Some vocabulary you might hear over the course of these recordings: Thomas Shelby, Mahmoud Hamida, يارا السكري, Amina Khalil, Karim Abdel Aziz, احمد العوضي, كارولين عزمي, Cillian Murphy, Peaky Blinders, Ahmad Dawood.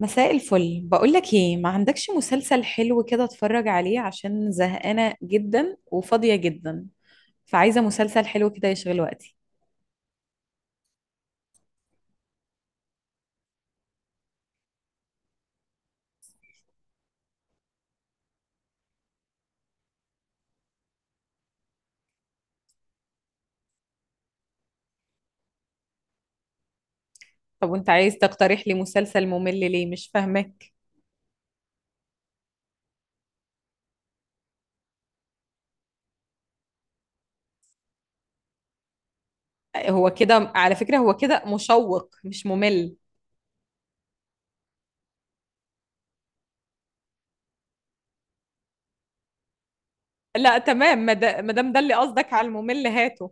مساء الفل. بقولك ايه، ما عندكش مسلسل حلو كده اتفرج عليه عشان زهقانة جدا وفاضية جدا، فعايزة مسلسل حلو كده يشغل وقتي. طب وانت عايز تقترح لي مسلسل ممل ليه؟ مش فاهمك. هو كده على فكرة، هو كده مشوق مش ممل. لا تمام، ما دام ده اللي قصدك على الممل هاته.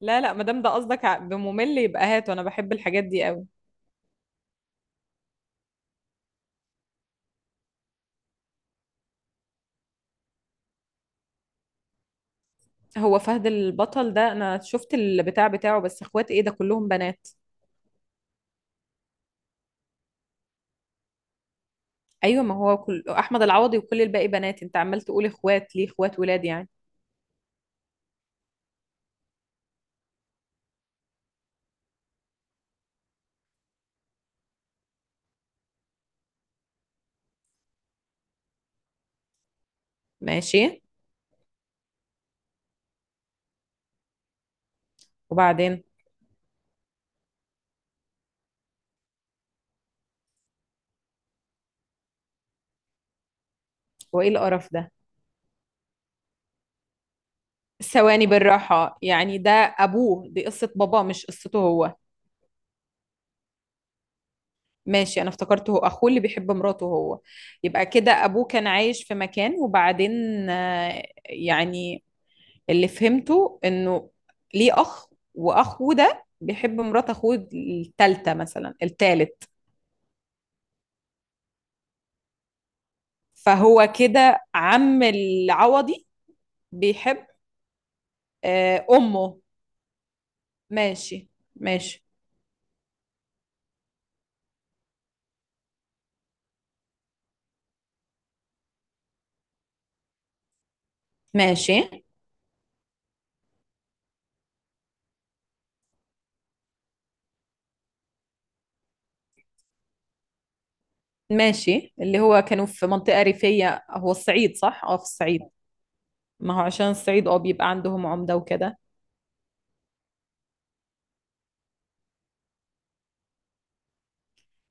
لا لا، ما دام ده قصدك بممل يبقى هاته، انا بحب الحاجات دي قوي. هو فهد البطل ده انا شفت البتاع بتاعه، بس اخوات ايه ده كلهم بنات؟ ايوه، ما هو كل احمد العوضي وكل الباقي بنات، انت عمال تقول اخوات ليه؟ اخوات ولاد يعني؟ ماشي. وبعدين؟ هو ايه القرف ده؟ ثواني بالراحه، يعني ده ابوه، دي قصه باباه مش قصته هو؟ ماشي، انا افتكرته هو اخوه اللي بيحب مراته هو. يبقى كده ابوه كان عايش في مكان وبعدين آه، يعني اللي فهمته انه ليه اخ، واخوه ده بيحب مرات اخوه التالتة مثلا التالت؟ فهو كده عم العوضي بيحب آه، أمه؟ ماشي. ماشي. ماشي. ماشي اللي هو كانوا في منطقة ريفية، هو الصعيد صح؟ اه في الصعيد. ما هو عشان الصعيد اه بيبقى عندهم عمدة وكده.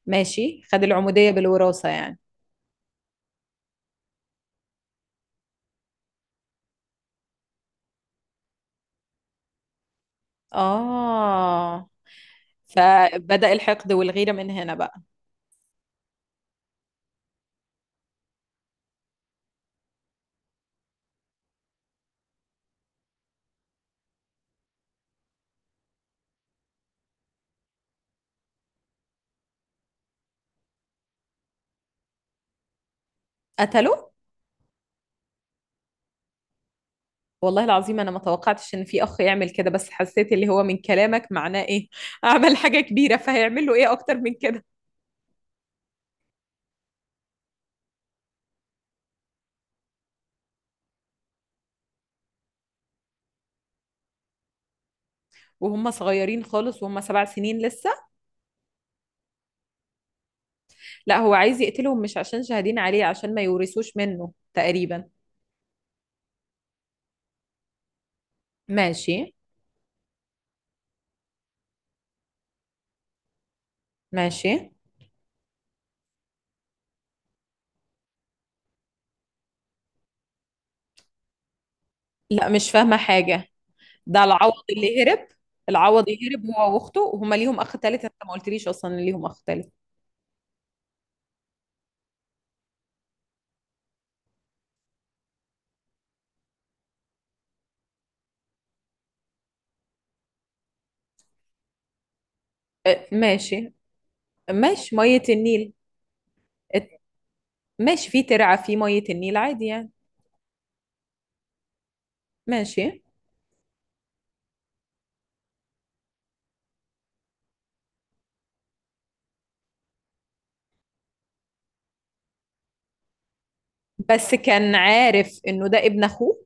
ماشي، خد العمودية بالوراثة يعني. اه. فبدأ الحقد والغيرة من هنا بقى؟ قتله؟ والله العظيم انا ما توقعتش ان في اخ يعمل كده، بس حسيت اللي هو من كلامك معناه ايه عمل حاجة كبيرة، فهيعمل له ايه اكتر من كده. وهم صغيرين خالص، وهم 7 سنين لسه؟ لا، هو عايز يقتلهم مش عشان شاهدين عليه، عشان ما يورثوش منه تقريبا. ماشي. ماشي. لا مش فاهمة حاجة. ده العوض اللي هرب؟ العوض هرب هو واخته، وهما ليهم اخ تالت؟ انت ما قلتليش اصلا إن ليهم اخ تالت. أه، ماشي. ماشي مية النيل. ات- ماشي، في ترعة في مية النيل عادي يعني. ماشي. بس كان عارف انه ده ابن اخوه؟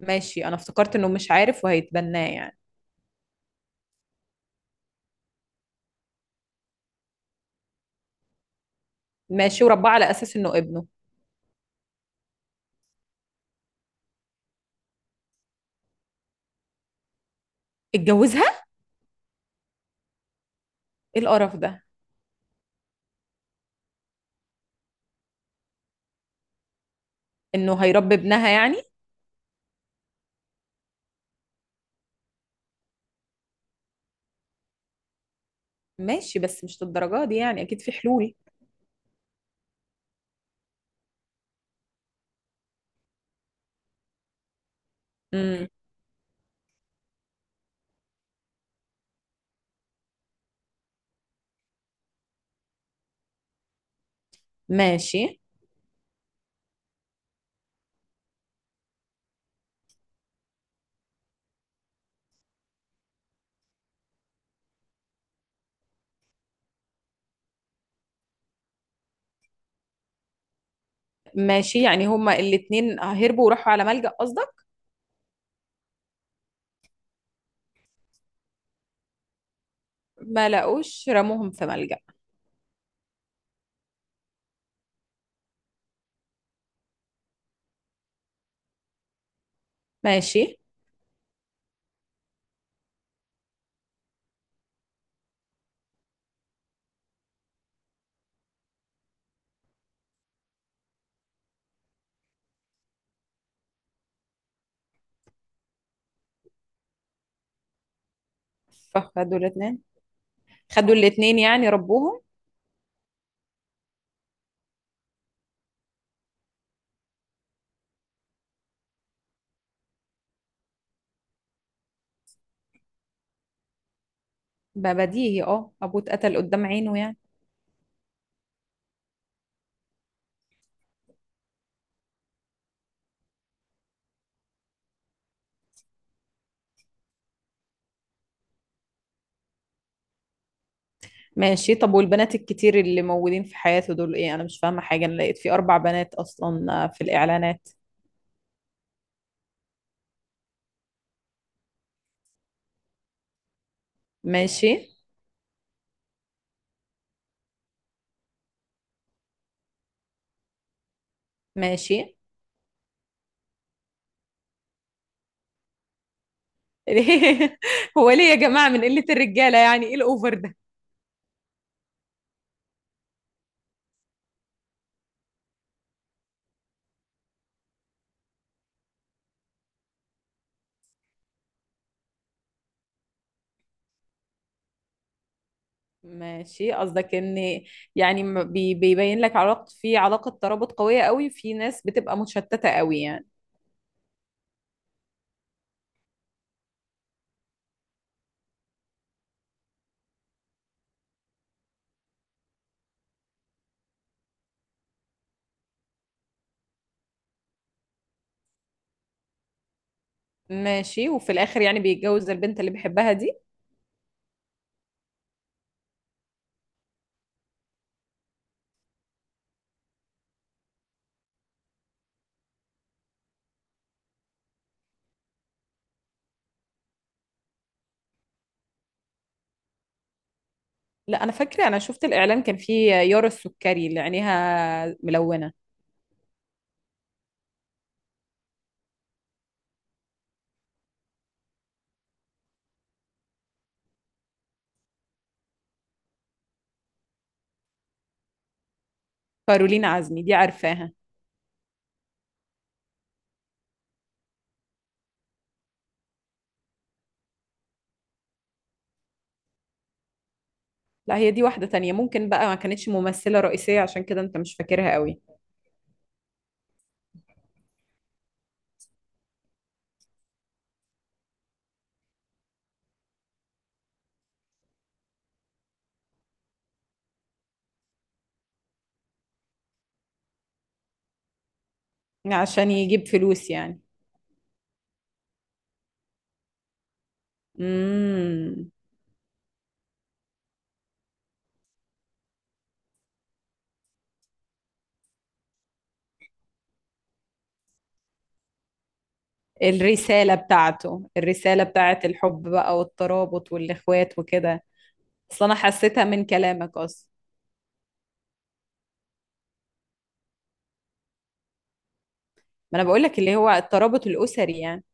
ماشي، انا افتكرت انه مش عارف وهيتبناه يعني. ماشي، ورباه على اساس انه ابنه. اتجوزها؟ ايه القرف ده؟ انه هيربي ابنها يعني. ماشي، بس مش للدرجة دي يعني، أكيد في حلول. امم. ماشي. ماشي، يعني هما الاتنين هربوا وراحوا على ملجأ قصدك؟ ما لقوش رموهم في ملجأ؟ ماشي. فخدوا الاتنين؟ خدوا الاتنين يعني ربوهم؟ ما بديهي، اه أبوه اتقتل قدام عينه يعني. ماشي. طب والبنات الكتير اللي موجودين في حياته دول ايه؟ أنا مش فاهمة حاجة، أنا لقيت في أربع بنات أصلا آه، في الإعلانات. ماشي. ماشي. هو ليه يا جماعة من قلة الرجالة يعني؟ ايه الأوفر ده؟ ماشي، قصدك ان يعني بيبين لك علاقة، في علاقة ترابط قوية قوي، في ناس بتبقى متشتتة قوي يعني؟ ماشي. وفي الاخر يعني بيتجوز البنت اللي بيحبها دي؟ لا انا فاكرة، انا شفت الاعلان كان فيه يارا السكري اللي عينيها ملونة. كارولين عزمي دي عارفاها. لا، هي دي واحدة تانية، ممكن بقى ما كانتش ممثلة رئيسية عشان كده انت مش فاكرها قوي. عشان يجيب فلوس يعني. امم. الرسالة بتاعته، الرسالة بتاعت الحب بقى والترابط والإخوات وكده. اصل انا حسيتها من كلامك اصلا. ما انا بقولك اللي هو الترابط الأسري يعني.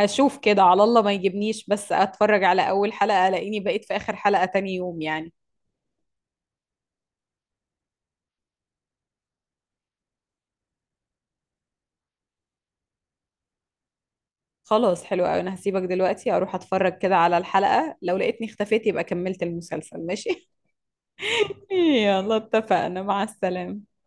هشوف كده، على الله ما يجيبنيش، بس اتفرج على اول حلقة الاقيني بقيت في اخر حلقة تاني يوم يعني. خلاص حلو قوي، انا هسيبك دلوقتي اروح اتفرج كده على الحلقة، لو لقيتني اختفيت يبقى كملت المسلسل، ماشي. يلا اتفقنا، مع السلامة.